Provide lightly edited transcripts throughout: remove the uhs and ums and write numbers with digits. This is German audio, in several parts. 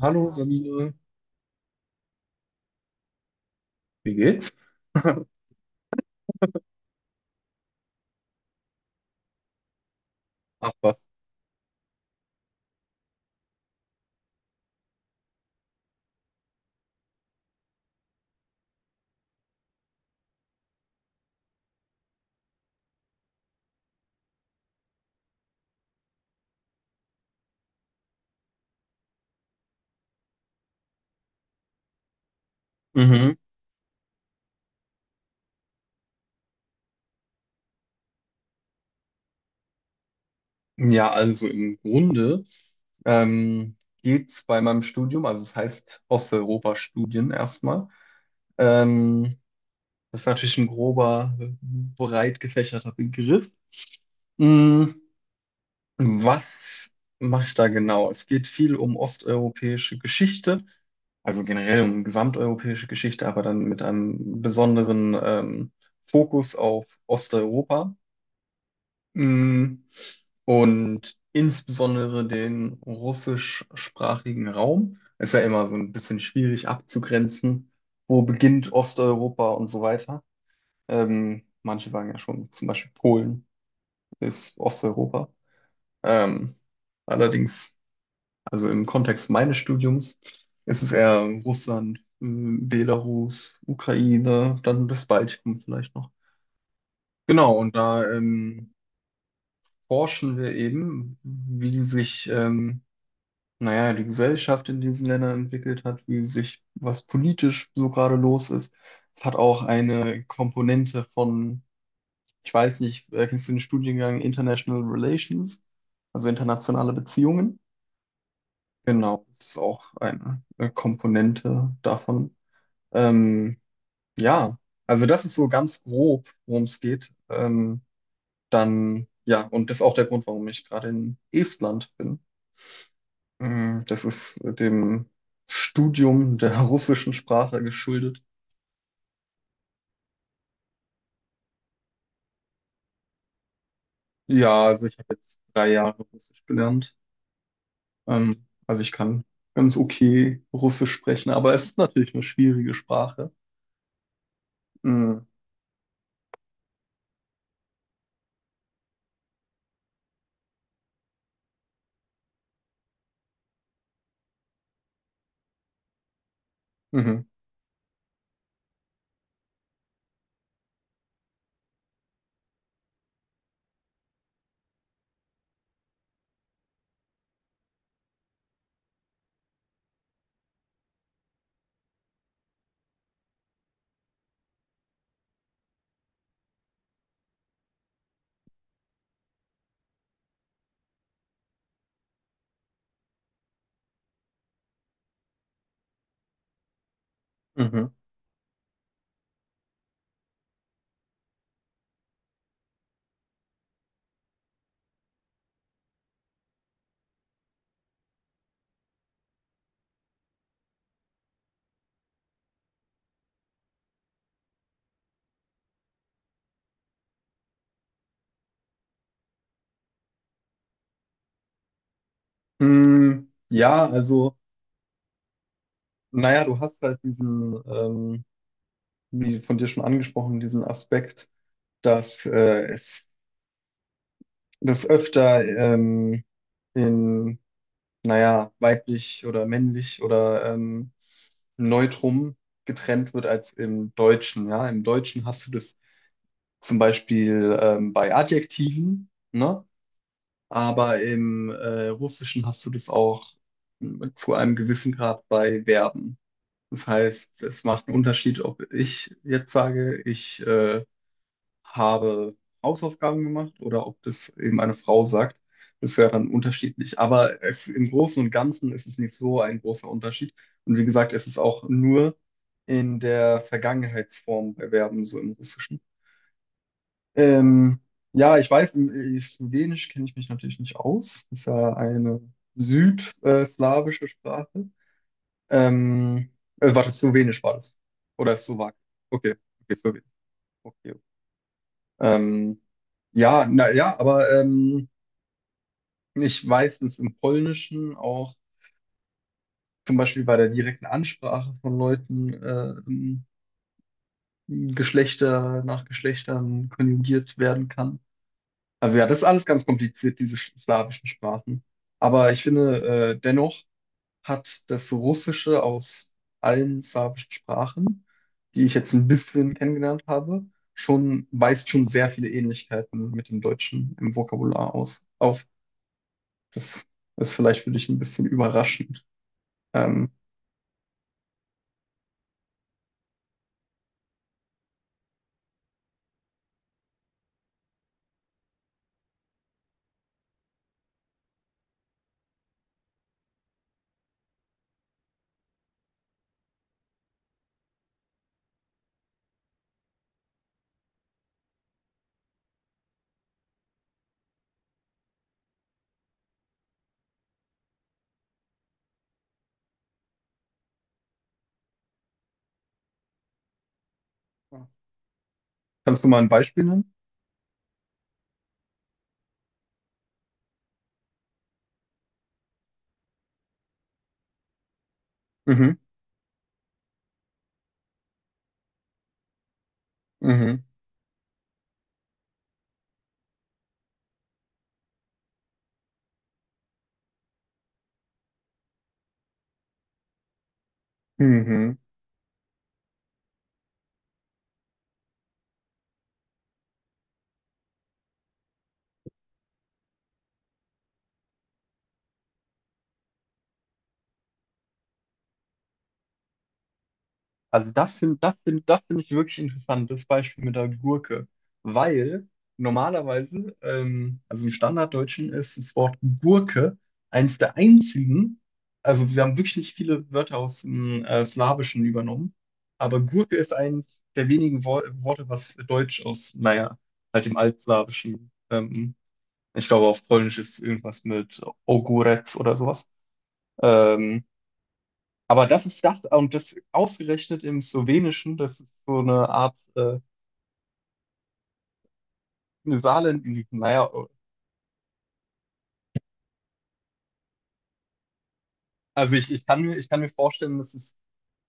Hallo Sabine, wie geht's? Ach was. Mhm. Ja, also im Grunde ähm, geht's bei meinem Studium, also es heißt Osteuropa-Studien erstmal. Ähm, Das ist natürlich ein grober, breit gefächerter Begriff. Mhm. Was mache ich da genau? Es geht viel um osteuropäische Geschichte, also generell um gesamteuropäische Geschichte, aber dann mit einem besonderen Fokus auf Osteuropa. Mm. Und insbesondere den russischsprachigen Raum ist ja immer so ein bisschen schwierig abzugrenzen. Wo beginnt Osteuropa und so weiter? Manche sagen ja schon, zum Beispiel Polen ist Osteuropa. Ähm, allerdings, also im Kontext meines Studiums, ist es eher Russland, Belarus, Ukraine, dann das Baltikum vielleicht noch. Genau, und da forschen wir eben, wie sich, naja, die Gesellschaft in diesen Ländern entwickelt hat, wie sich, was politisch so gerade los ist. Es hat auch eine Komponente von, ich weiß nicht, kennst du den Studiengang International Relations, also internationale Beziehungen? Genau, das ist auch eine Komponente davon. Ähm, ja, also das ist so ganz grob, worum es geht. Dann, ja, und das ist auch der Grund, warum ich gerade in Estland bin. Mm. Das ist dem Studium der russischen Sprache geschuldet. Ja, also ich habe jetzt 3 Jahre Russisch gelernt. Also ich kann ganz okay Russisch sprechen, aber es ist natürlich eine schwierige Sprache. Mm. Mhm, mhm. Mm. Ja, also, naja, du hast halt diesen, wie von dir schon angesprochen, diesen Aspekt, dass es das öfter in weiblich oder männlich oder Neutrum getrennt wird als im Deutschen. Ja, im Deutschen hast du das zum Beispiel bei Adjektiven, ne? Aber im Russischen hast du das auch zu einem gewissen Grad bei Verben. Das heißt, es macht einen Unterschied, ob ich jetzt sage, ich habe Hausaufgaben gemacht oder ob das eben eine Frau sagt. Das wäre dann unterschiedlich. Aber es, im Großen und Ganzen ist es nicht so ein großer Unterschied. Und wie gesagt, es ist auch nur in der Vergangenheitsform bei Verben, so im Russischen. Ähm, ja, ich weiß, im Slowenisch kenne ich mich natürlich nicht aus. Das ist ja eine südslawische Sprache. Ähm, Warte, Slowenisch war das. Oder Slowak. Okay, okay, Slowenisch. Okay, okay. Ähm, Ja, na ja, aber ich weiß, dass im Polnischen auch zum Beispiel bei der direkten Ansprache von Leuten Geschlechter nach Geschlechtern konjugiert werden kann. Also ja, das ist alles ganz kompliziert, diese slawischen Sprachen. Aber ich finde, dennoch hat das Russische aus allen slawischen Sprachen, die ich jetzt ein bisschen kennengelernt habe, schon, weist schon sehr viele Ähnlichkeiten mit dem Deutschen im Vokabular aus, auf. Das ist vielleicht für dich ein bisschen überraschend. Ähm, Kannst du mal ein Beispiel nennen? Mhm, mhm, mhm. Das find ich wirklich interessant, das Beispiel mit der Gurke. Weil normalerweise, also im Standarddeutschen ist das Wort Gurke eins der einzigen, also wir haben wirklich nicht viele Wörter aus dem Slawischen übernommen, aber Gurke ist eins der wenigen Wo Worte, was Deutsch aus, naja, halt dem Altslawischen ich glaube, auf Polnisch ist irgendwas mit Ogórek oder sowas. Ähm, aber das ist das, und das ausgerechnet im Slowenischen, das ist so eine Art eine Saarland, naja, ich kann mir vorstellen, dass es,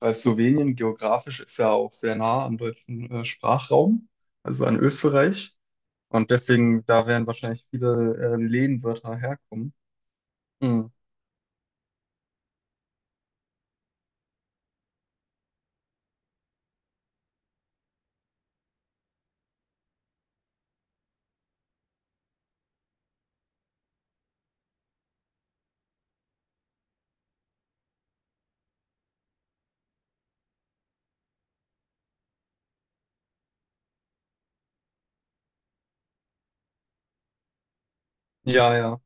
weil Slowenien geografisch ist ja auch sehr nah am deutschen Sprachraum, also an Österreich. Und deswegen, da werden wahrscheinlich viele Lehnwörter herkommen. Hm. Ja, ja.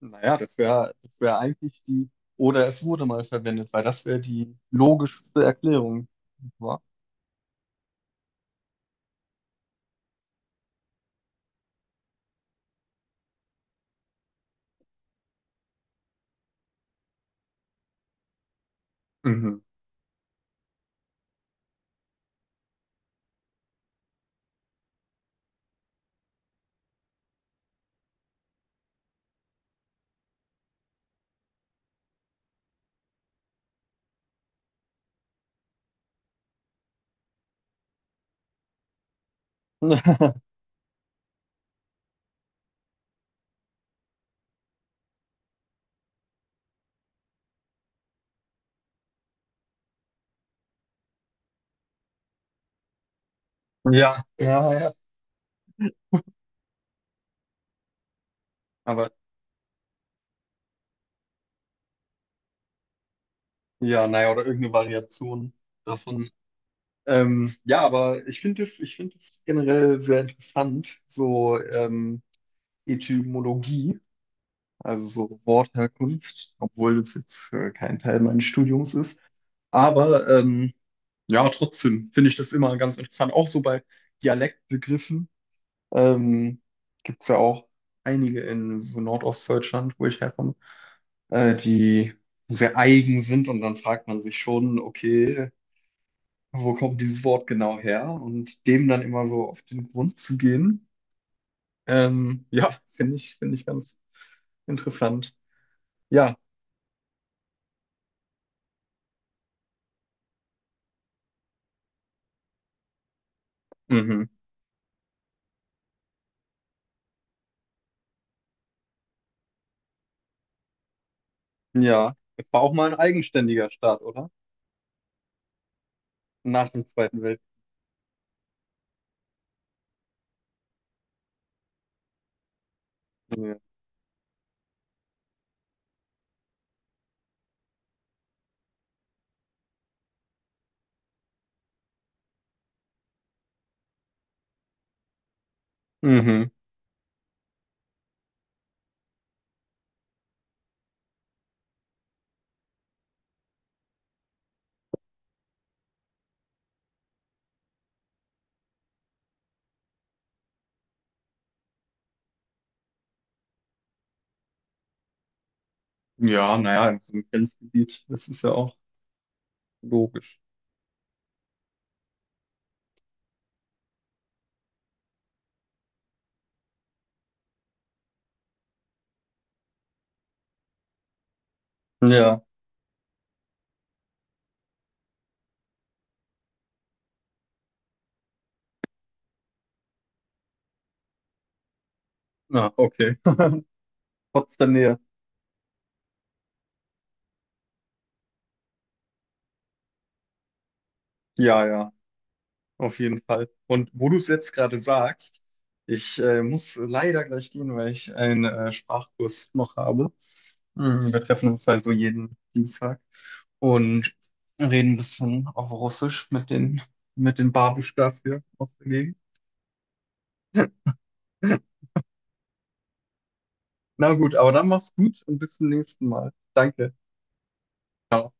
Naja, das wär eigentlich die, oder es wurde mal verwendet, weil das wäre die logischste Erklärung. Wa? Mhm. Ja, ja, ja. Aber ja, naja, oder irgendeine Variation davon. Ja, aber ich finde es generell sehr interessant, so Etymologie, also so Wortherkunft, obwohl das jetzt kein Teil meines Studiums ist. Aber ja, trotzdem finde ich das immer ganz interessant. Auch so bei Dialektbegriffen ähm, gibt es ja auch einige in so Nordostdeutschland, wo ich herkomme, die sehr eigen sind und dann fragt man sich schon, okay, wo kommt dieses Wort genau her? Und dem dann immer so auf den Grund zu gehen, ja, finde ich ganz interessant. Ja, mhm. Ja, es war auch mal ein eigenständiger Staat, oder? Nach dem Zweiten Weltkrieg. Mhm. Ja, naja, in so einem Grenzgebiet, das ist ja auch logisch. Ja, na, okay. Trotz der Nähe. Ja, ja, auf jeden Fall. Und wo du es jetzt gerade sagst, ich muss leider gleich gehen, weil ich einen Sprachkurs noch habe. Mhm. Wir treffen uns also jeden Dienstag und reden ein bisschen auf Russisch mit den Babuschkas hier aus der Gegend. Na gut, aber dann mach's gut und bis zum nächsten Mal. Danke. Ciao.